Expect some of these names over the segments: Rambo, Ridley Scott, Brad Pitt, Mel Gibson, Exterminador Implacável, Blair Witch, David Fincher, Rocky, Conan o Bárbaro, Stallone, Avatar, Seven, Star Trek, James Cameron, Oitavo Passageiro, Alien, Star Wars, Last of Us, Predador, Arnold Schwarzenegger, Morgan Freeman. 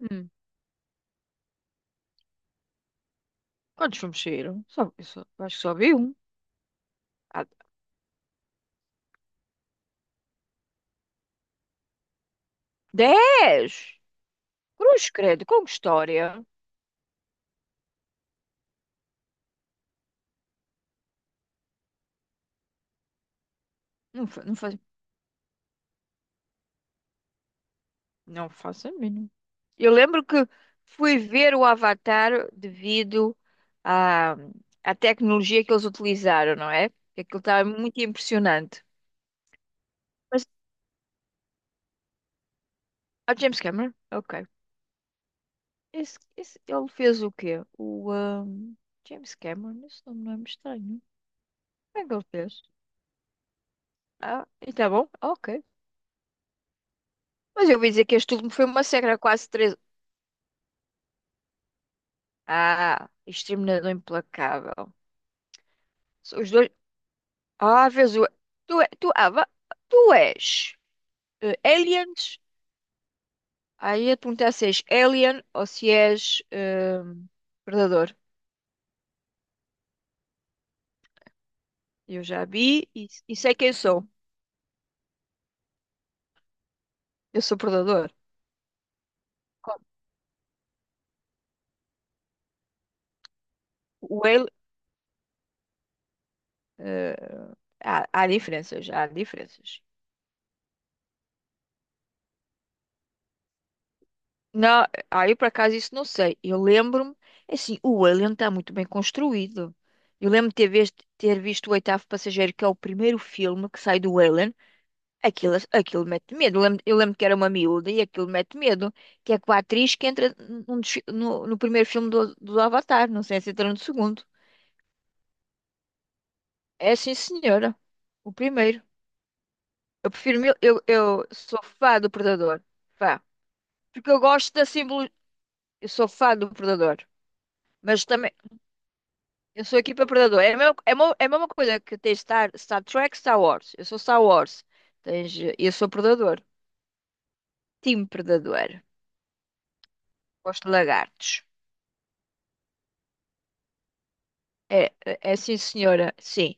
Hum. Quantos filmes saíram? Acho que só vi um. Ah, dez! Cruz credo, com que história? Não, não faço a mínima. Eu lembro que fui ver o Avatar devido à, à tecnologia que eles utilizaram, não é? Que aquilo estava muito impressionante. Mas, James Cameron? Ok. Esse, ele fez o quê? O James Cameron? Esse nome não é estranho. Como é que ele fez? Ah, e tá bom? Ok. Mas eu ouvi dizer que este último foi uma massacre há quase três. Ah, Exterminador Implacável. São os dois. Ah, vês o. Tu, é- tu, ah, va- Tu és aliens? Aí eu ia te perguntar se és alien ou se és eh, predador. Eu já vi e sei quem sou. Eu sou predador. Como? O alien. eh, há diferenças, há diferenças. Não, aí por acaso isso não sei. Eu lembro-me, é assim, o Alien está muito bem construído. Eu lembro de ter visto o Oitavo Passageiro, que é o primeiro filme que sai do Alien. Aquilo mete medo. Eu lembro que era uma miúda e aquilo mete medo. Que é com a atriz que entra num dos fi- no, no primeiro filme do Avatar, não sei se entra no segundo. É sim, senhora. O primeiro. Eu prefiro mil, eu sou fã do Predador. Fã. Porque eu gosto da simbologia. Eu sou fã do Predador. Mas também. Eu sou equipe predador. É a mesma, é a mesma coisa que ter Star Trek, Star Wars. Eu sou Star Wars. Tens, eu sou predador. Time predador. Gosto de lagartos. É, é sim, senhora. Sim.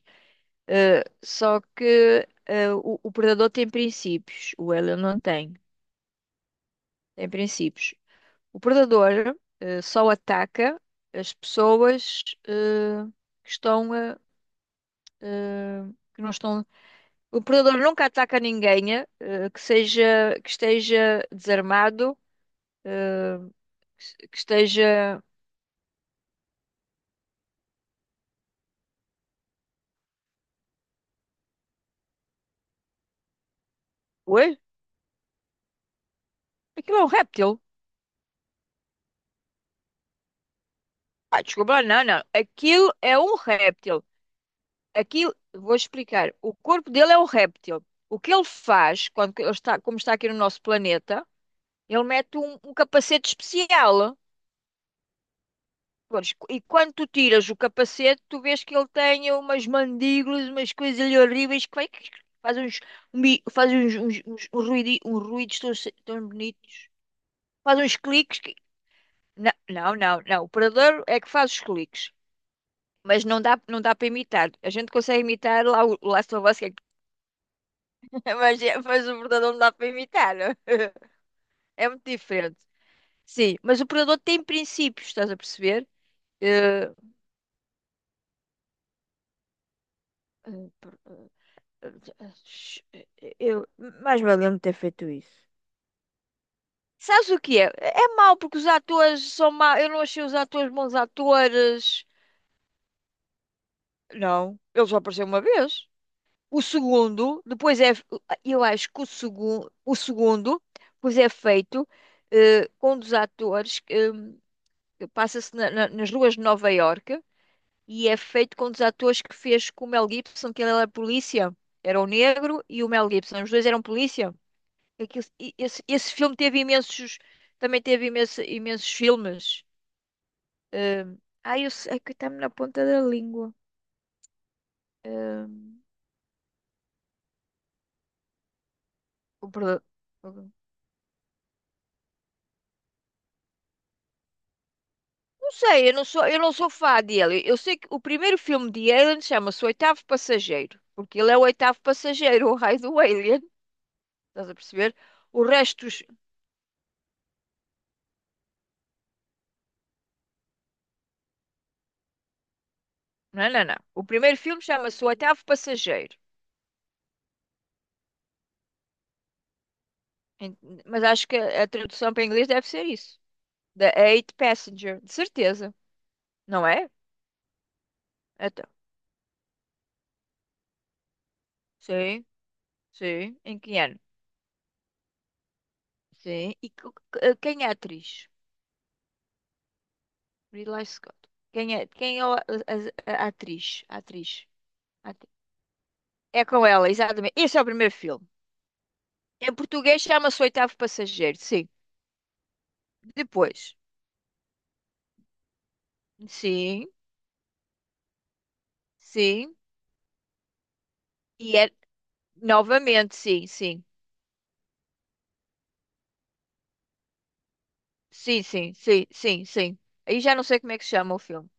Só que o predador tem princípios. O alien não tem. Tem princípios. O predador só ataca as pessoas que estão, eh, que não estão. O predador nunca ataca ninguém, que seja, que esteja desarmado, eh, que se- que esteja. Oi? Aquilo é um réptil? Ah, desculpa, lá, não, não. Aquilo é um réptil. Aquilo, vou explicar. O corpo dele é um réptil. O que ele faz, quando que ele está, como está aqui no nosso planeta, ele mete um capacete especial. Pois, e quando tu tiras o capacete, tu vês que ele tem umas mandíbulas, umas coisas ali horríveis que vai, faz uns, um faz uns ruídos tão, se- tão bonitos. Faz uns cliques que... Não, não, não, não. O predador é que faz os cliques. Mas não dá para imitar. A gente consegue imitar lá o Last of Us, que é... mas o predador não dá para imitar, não? É muito diferente. Sim, mas o predador tem princípios, estás a perceber? Eh, eh, per- Eu, mais valia me ter feito isso. Sabes o que é? É mau porque os atores são maus. Eu não achei os atores bons atores. Não, ele só apareceu uma vez. O segundo, depois é. Eu acho que o segundo, pois é feito com um dos atores que passa-se nas ruas de Nova Iorque e é feito com um dos atores que fez com o Mel Gibson, que ele era polícia. Era o negro e o Mel Gibson. Os dois eram polícia. Esse filme teve imensos. Também teve imensos filmes. Ahm, Ai, eu sei é que está-me na ponta da língua. Ahm, o Preda- o- não sei, eu não sou fã dele. Eu sei que o primeiro filme de Alien chama-se O Oitavo Passageiro, porque ele é o oitavo passageiro, o raio do Alien. Estás a perceber? O resto. Não, não, não. O primeiro filme chama-se O Oitavo Passageiro. Ent- Mas acho que a tradução para inglês deve ser isso. The Eight Passenger, de certeza, não é? Sim, sim. Em que ano? Sim. E quem é a atriz? Ridley Scott. Quem é a atriz? A atriz. A atri- É com ela, exatamente. Esse é o primeiro filme. Em português chama-se Oitavo Passageiro, sim. Depois. Sim, sim. E é novamente, sim, sim. Sim, sim, sim, sim, sim. Aí já não sei como é que se chama o filme.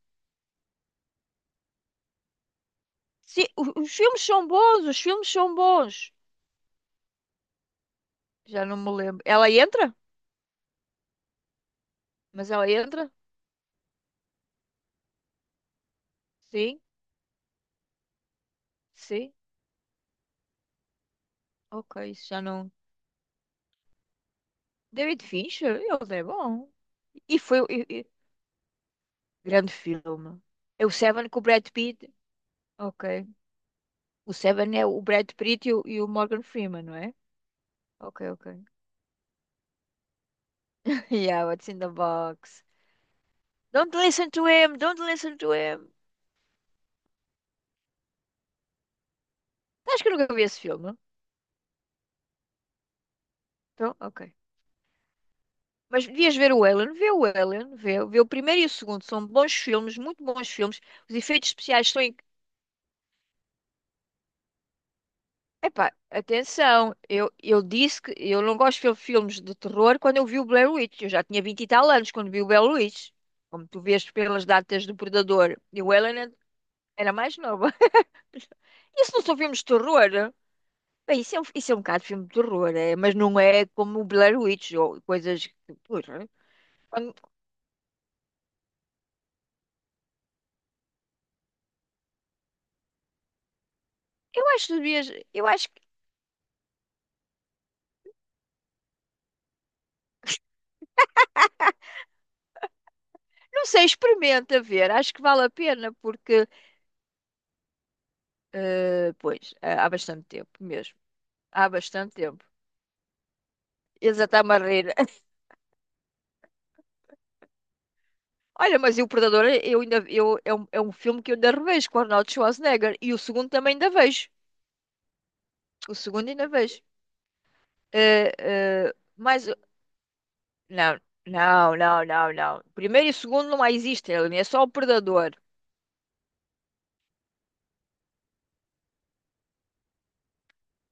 Sim, os filmes são bons, os filmes são bons. Já não me lembro. Ela entra? Mas ela entra? Sim, sim. Ok, isso já não. David Fincher, ele é bom. E foi o grande filme. É o Seven com o Brad Pitt. Ok. O Seven é o Brad Pitt e o Morgan Freeman, não é? Ok, ok. Yeah, what's in the box? Don't listen to him, don't listen to him. Acho que eu nunca vi esse filme. Então, ok. Mas devias ver o Ellen, vê o Ellen, vê o primeiro e o segundo. São bons filmes, muito bons filmes. Os efeitos especiais são. Epá, atenção, eu disse que eu não gosto de filmes de terror quando eu vi o Blair Witch. Eu já tinha 20 e tal anos quando vi o Blair Witch. Como tu vês pelas datas do Predador. E o Alien era mais nova. Isso não são filmes de terror? Bem, isso é um bocado filme de terror, é, mas não é como o Blair Witch ou coisas que. Porra, quando- eu acho que. Não sei, experimenta ver. Acho que vale a pena porque. Pois, há bastante tempo mesmo. Há bastante tempo. Eles até me a rir. Olha, mas e o Predador, é um filme que eu ainda revejo com o Arnold Schwarzenegger. E o segundo também ainda vejo. O segundo ainda vejo. Eh, eh, mas, não, não, não, não, não. Primeiro e o segundo não existem, Aline, é só o Predador.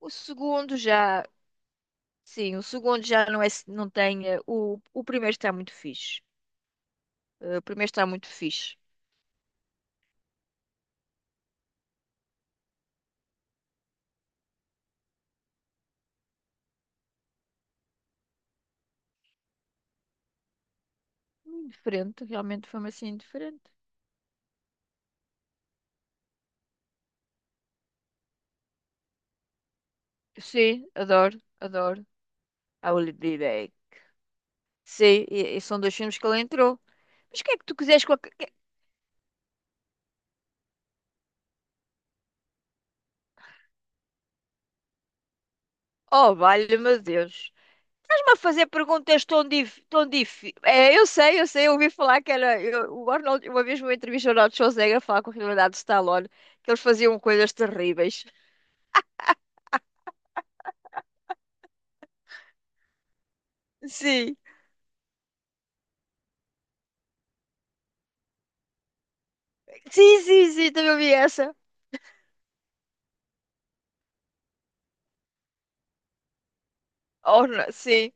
O segundo já, sim, o segundo já não é, não tem, o primeiro está muito fixe. O primeiro está muito fixe. Indiferente, realmente foi-me assim indiferente. Sim, adoro, adoro. I will be back. Sim, e são dois filmes que ele entrou. Mas o que é que tu quiseres com a... Oh, valha, meu Deus. Estás-me a fazer perguntas. É, eu sei, eu ouvi falar que era... o Arnold, uma vez numa entrevista ao Arnold Schwarzenegger falar com a realidade de Stallone, que eles faziam coisas terríveis. Sim. Sim, sim, sim, também ouvi essa. Oh, não, sim.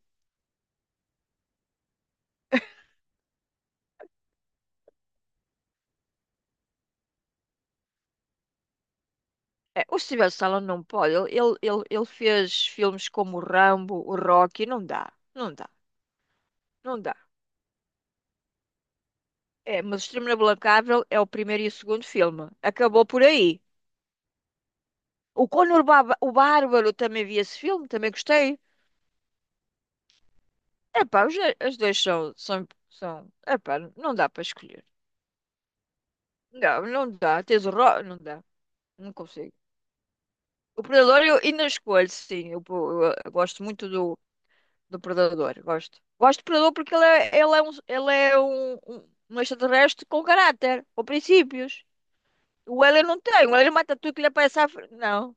É, o Steven Stallone não pode. Ele fez filmes como o Rambo, o Rocky. Não dá, não dá, não dá. É, mas o Exterminador Implacável é o primeiro e o segundo filme. Acabou por aí. O Conor o Bárbaro também vi esse filme, também gostei. Epá, as duas são, são, são. Epá, não dá para escolher. Não, não dá. Tens o Ro... Não dá. Não consigo. O Predador eu ainda escolho, sim. Eu gosto muito do Predador. Gosto. Gosto do Predador porque ele é um extraterrestre com caráter, com princípios. O Alien não tem. O Alien mata tudo que lhe aparece à frente. Não.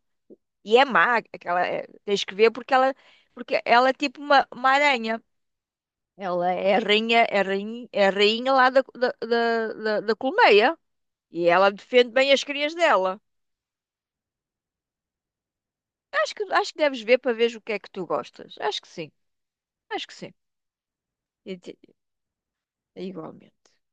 E é má. Aquela, tens que ver porque ela é tipo uma aranha. Ela é a rainha, é a rainha, é a rainha lá da colmeia. E ela defende bem as crias dela. Acho que deves ver para ver o que é que tu gostas. Acho que sim, acho que sim. E te- Igualmente.